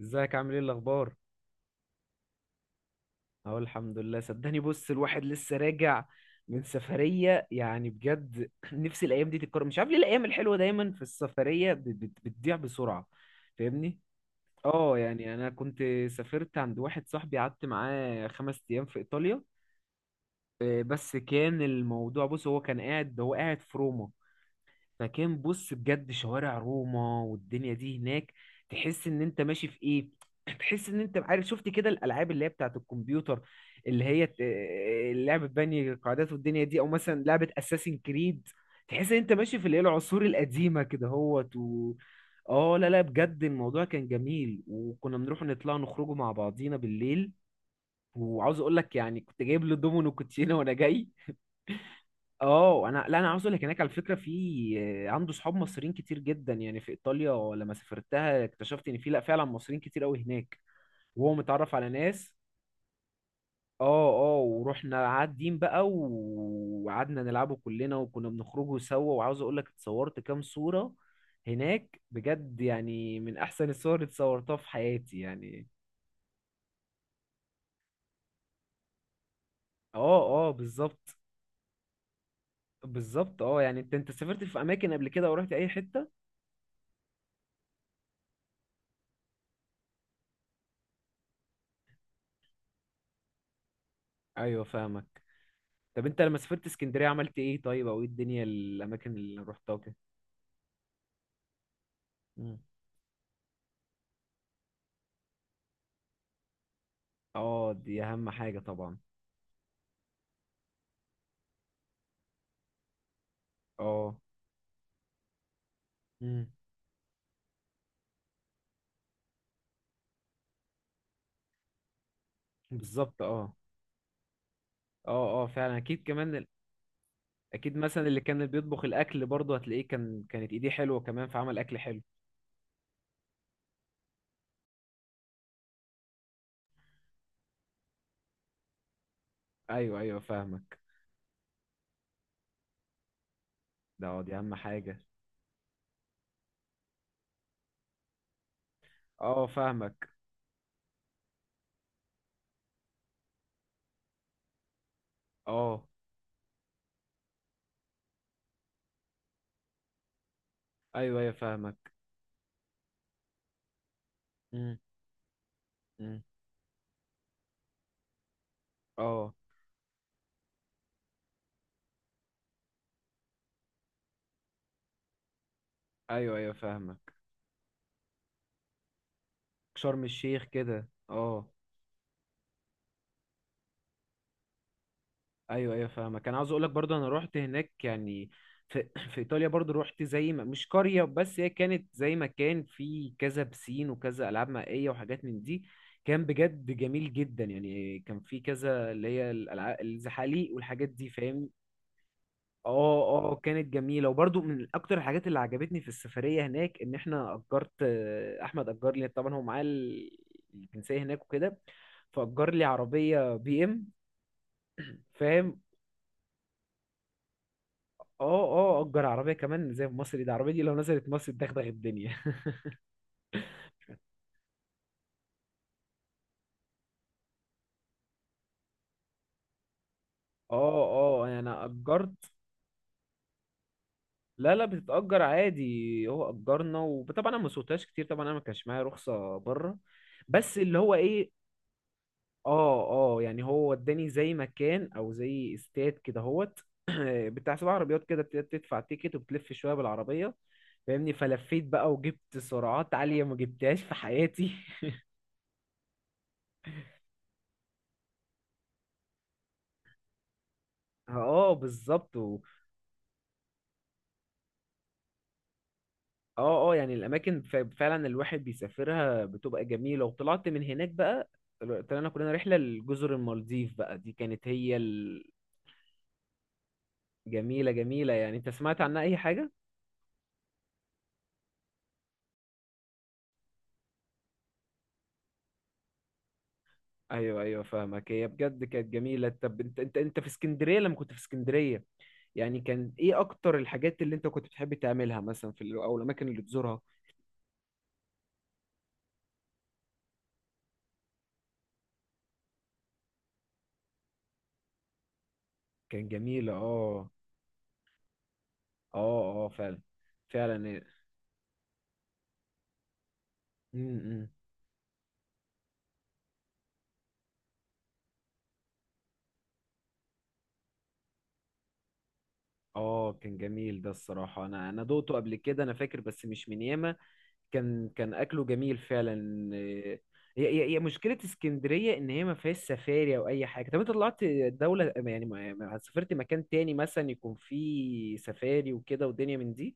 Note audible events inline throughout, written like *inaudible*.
ازيك؟ عامل ايه؟ الاخبار؟ اهو الحمد لله، صدقني بص الواحد لسه راجع من سفرية، يعني بجد. *clears throat* نفسي الايام دي تتكرر، مش عارف ليه الايام الحلوة دايما في السفرية بتضيع بسرعة. فاهمني؟ اه، يعني انا كنت سافرت عند واحد صاحبي، قعدت معاه 5 ايام في ايطاليا. آه، بس كان الموضوع، بص هو كان قاعد هو قاعد في روما. لكن بص بجد شوارع روما والدنيا دي هناك، تحس ان انت ماشي في ايه، *clears throat* تحس ان انت، عارف، شفت كده الالعاب اللي هي بتاعت الكمبيوتر، اللي هي ت- لعبة بني قاعدات والدنيا دي، او مثلا لعبة اساسين كريد. تحس ان انت ماشي في الايه، العصور القديمة كده هوت و اه، لا لا، بجد الموضوع كان جميل، وكنا بنروح نطلع نخرجوا مع بعضينا بالليل. وعاوز اقول لك يعني كنت جايب له دومينو كوتشينه وانا جاي. اه، انا، لا، انا عاوز اقول لك هناك على فكره في عنده صحاب مصريين كتير جدا. يعني في ايطاليا لما سافرتها اكتشفت ان في، لا فعلا، مصريين كتير قوي هناك، وهو متعرف على ناس. اه اه ورحنا قاعدين بقى و- وقعدنا نلعبه كلنا، وكنا بنخرجوا سوا. وعاوز اقول لك اتصورت كام صوره هناك، بجد يعني من احسن الصور اللي اتصورتها في حياتي يعني. اه اه بالظبط. بالظبط، اه يعني، انت سافرت في اماكن قبل كده ورحت اي حته؟ ايوه فاهمك. طب انت لما سافرت اسكندريه عملت ايه طيب؟ او ايه الدنيا الاماكن اللي رحتها كده؟ مم. اه دي اهم حاجه طبعا. اه، مم. بالظبط اه. اه اه فعلا، اكيد، اكيد مثلا اللي كان بيطبخ الاكل برضه هتلاقيه كانت ايديه حلوه كمان، فعمل اكل حلو. ايوه ايوه فاهمك. ده اه، دي اهم حاجه. اه فاهمك. اه ايوه ايوه فاهمك. مم. مم. اه ايوه ايوه فاهمك. شرم الشيخ كده، اه. ايوه ايوه فاهمك، كان عاوز اقول لك برضه انا رحت هناك يعني في, *clears throat* في ايطاليا برضه. رحت زي ما، مش قريه، بس هي كانت زي ما كان في كذا بسين وكذا العاب مائيه وحاجات من دي. كان بجد جميل جدا، يعني كان في كذا اللي هي الالعاب، الزحاليق والحاجات دي، فاهم؟ اه اه كانت جميله. وبرضه من اكتر الحاجات اللي عجبتني في السفريه هناك ان احنا اجرت، احمد اجر لي طبعا هو معاه الجنسيه هناك وكده، فاجر لي عربيه بي ام، فاهم؟ اه اه، اجر عربيه كمان زي في مصر، دي العربيه دي لو نزلت مصر تدغدغ الدنيا. *laughs* اه اه يعني انا اجرت. لا لا، بتتأجر عادي، هو اجرنا، وطبعا انا ما سوقتهاش كتير طبعا، انا ما كانش معايا رخصة بره. بس اللي هو ايه، اه اه يعني هو وداني زي مكان او زي استاد كده هوت، *clears throat* بتاع 7 عربيات كده، بتدفع تيكت وبتلف شوية بالعربية، فاهمني؟ فلفيت بقى وجبت سرعات عالية ما جبتهاش في حياتي. *laughs* اه بالظبط. اه اه يعني الاماكن، فعلا الواحد بيسافرها بتبقى جميله. وطلعت من هناك بقى، طلعنا كلنا رحله لجزر المالديف، بقى دي كانت هي الجميله. جميله جميله. يعني انت سمعت عنها اي حاجه؟ ايوه ايوه فاهمك. هي بجد كانت جميله. طب انت، انت في اسكندريه، لما كنت في اسكندريه، يعني كان ايه اكتر الحاجات اللي انت كنت بتحب تعملها مثلا او الاماكن اللي تزورها؟ كان جميله، اه. اه فعلا. فعلا. م- م. اه كان جميل ده الصراحة، انا دوقته قبل كده، انا فاكر، بس مش من ياما. كان اكله جميل فعلا، إيه، هي مشكلة اسكندرية ان هي ما فيهاش سفاري او اي حاجة. طب انت طلعت دولة يعني، سافرت مكان تاني مثلا يكون فيه سفاري وكده ودنيا من دي؟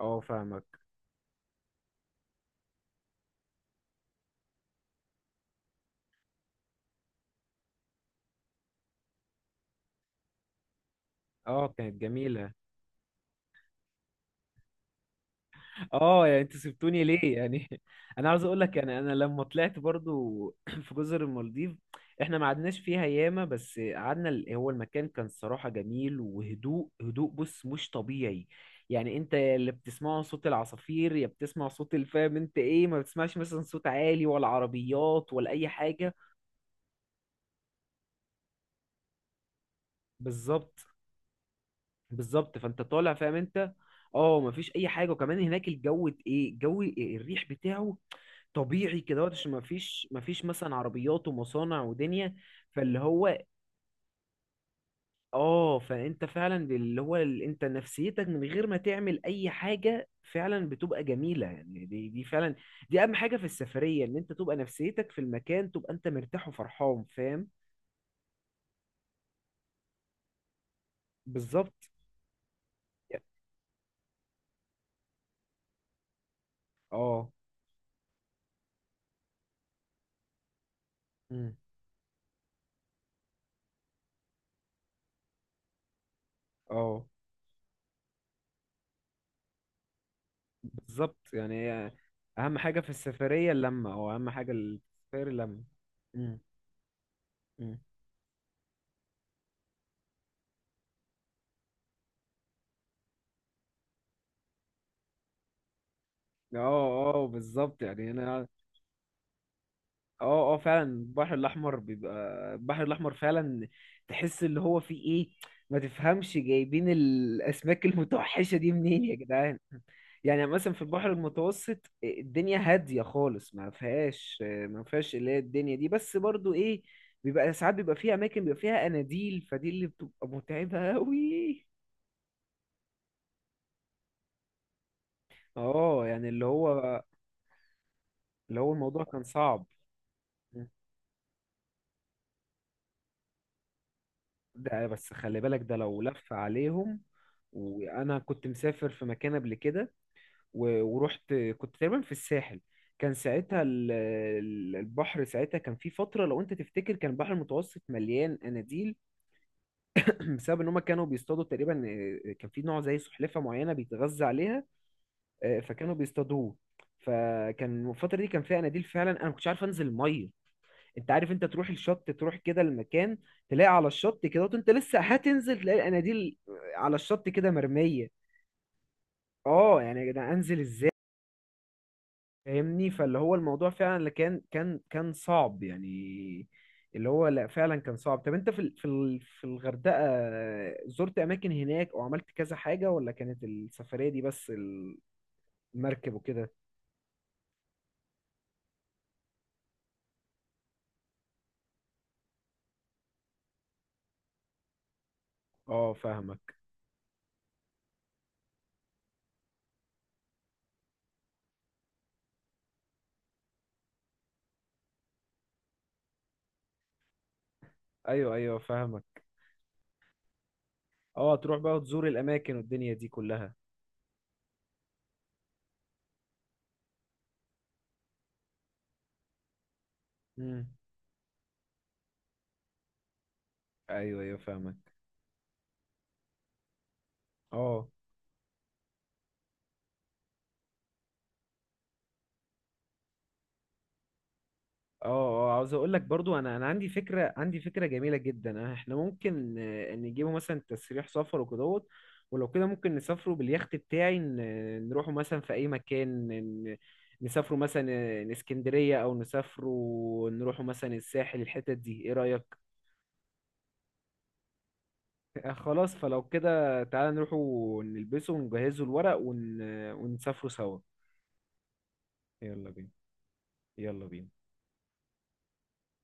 اه فاهمك. اه كانت جميلة. اه يعني انتوا سبتوني ليه يعني؟ *laughs* انا عاوز اقول لك يعني انا لما طلعت برضو *clears throat* في جزر المالديف، احنا ما قعدناش فيها ياما بس قعدنا هو المكان كان صراحة جميل، وهدوء هدوء بص مش طبيعي. يعني انت يا اللي بتسمعه صوت العصافير، يا بتسمع صوت الفام، انت ايه، ما بتسمعش مثلا صوت عالي ولا عربيات ولا اي حاجة. بالظبط. بالظبط، فانت طالع فاهم انت، اه مفيش اي حاجة. وكمان هناك الجو، ايه، الجو الريح بتاعه طبيعي كده عشان ما فيش ما فيش مثلا عربيات ومصانع ودنيا. فاللي هو، اه فانت فعلا، اللي هو انت نفسيتك من غير ما تعمل اي حاجه فعلا بتبقى جميله. يعني دي فعلا دي اهم حاجه في السفريه، ان انت تبقى نفسيتك في المكان، تبقى انت مرتاح وفرحان، فاهم؟ بالظبط اه. مم. اه بالظبط. يعني هي اهم حاجه في السفريه اللمه، او اهم حاجه السفرية اللمه. مم. مم. اه اه بالظبط يعني انا. اه اه فعلا البحر الاحمر بيبقى، البحر الاحمر فعلا تحس اللي هو فيه ايه. ما تفهمش جايبين الاسماك *laughs* المتوحشه دي منين يا جدعان. يعني مثلا في البحر المتوسط الدنيا هاديه خالص، ما فيهاش اللي هي الدنيا دي، بس برضو ايه، بيبقى ساعات بيبقى فيها اماكن بيبقى فيها اناديل، فدي اللي بتبقى متعبه قوي. اه يعني اللي هو الموضوع كان صعب. ده بس خلي بالك ده لو لف عليهم. وانا كنت مسافر في مكان قبل كده، و- ورحت كنت تقريبا في الساحل. كان ساعتها البحر ساعتها كان في فترة، لو انت تفتكر كان البحر المتوسط مليان اناديل *clears throat* بسبب ان هم كانوا بيصطادوا تقريبا، كان في نوع زي سلحفاة معينة بيتغذى عليها، فكانوا بيصطادوه. فكان الفترة دي كان فيها اناديل فعلا، انا ما كنتش عارف انزل المية. انت عارف انت تروح الشط، تروح كده المكان، تلاقي على الشط كده، وانت لسه هتنزل تلاقي الاناديل على الشط كده مرمية. اه يعني يا جدعان انزل ازاي، فاهمني؟ فاللي هو الموضوع فعلا، اللي كان صعب يعني. اللي هو لا فعلا كان صعب. طب انت في الغردقة، زرت اماكن هناك او عملت كذا حاجة، ولا كانت السفرية دي بس المركب وكده؟ اه فاهمك. ايوه ايوه فاهمك. اه تروح بقى وتزور الاماكن والدنيا دي كلها. امم ايوه ايوه فاهمك. اه اه اه عاوز اقول لك برضو، انا عندي فكره، عندي فكره جميله جدا. احنا ممكن، نجيبه مثلا تسريح سفر وكدهوت. ولو كده ممكن نسافروا باليخت بتاعي، نروحوا مثلا في اي مكان، ن- نسافروا مثلا، اسكندريه، او نسافروا نروحوا مثلا الساحل، الحتت دي، ايه رايك؟ خلاص. فلو كده تعالى نروحوا نلبسه ونجهزوا الورق، ون... آه، ونسافروا سوا. يلا بينا. يلا بينا.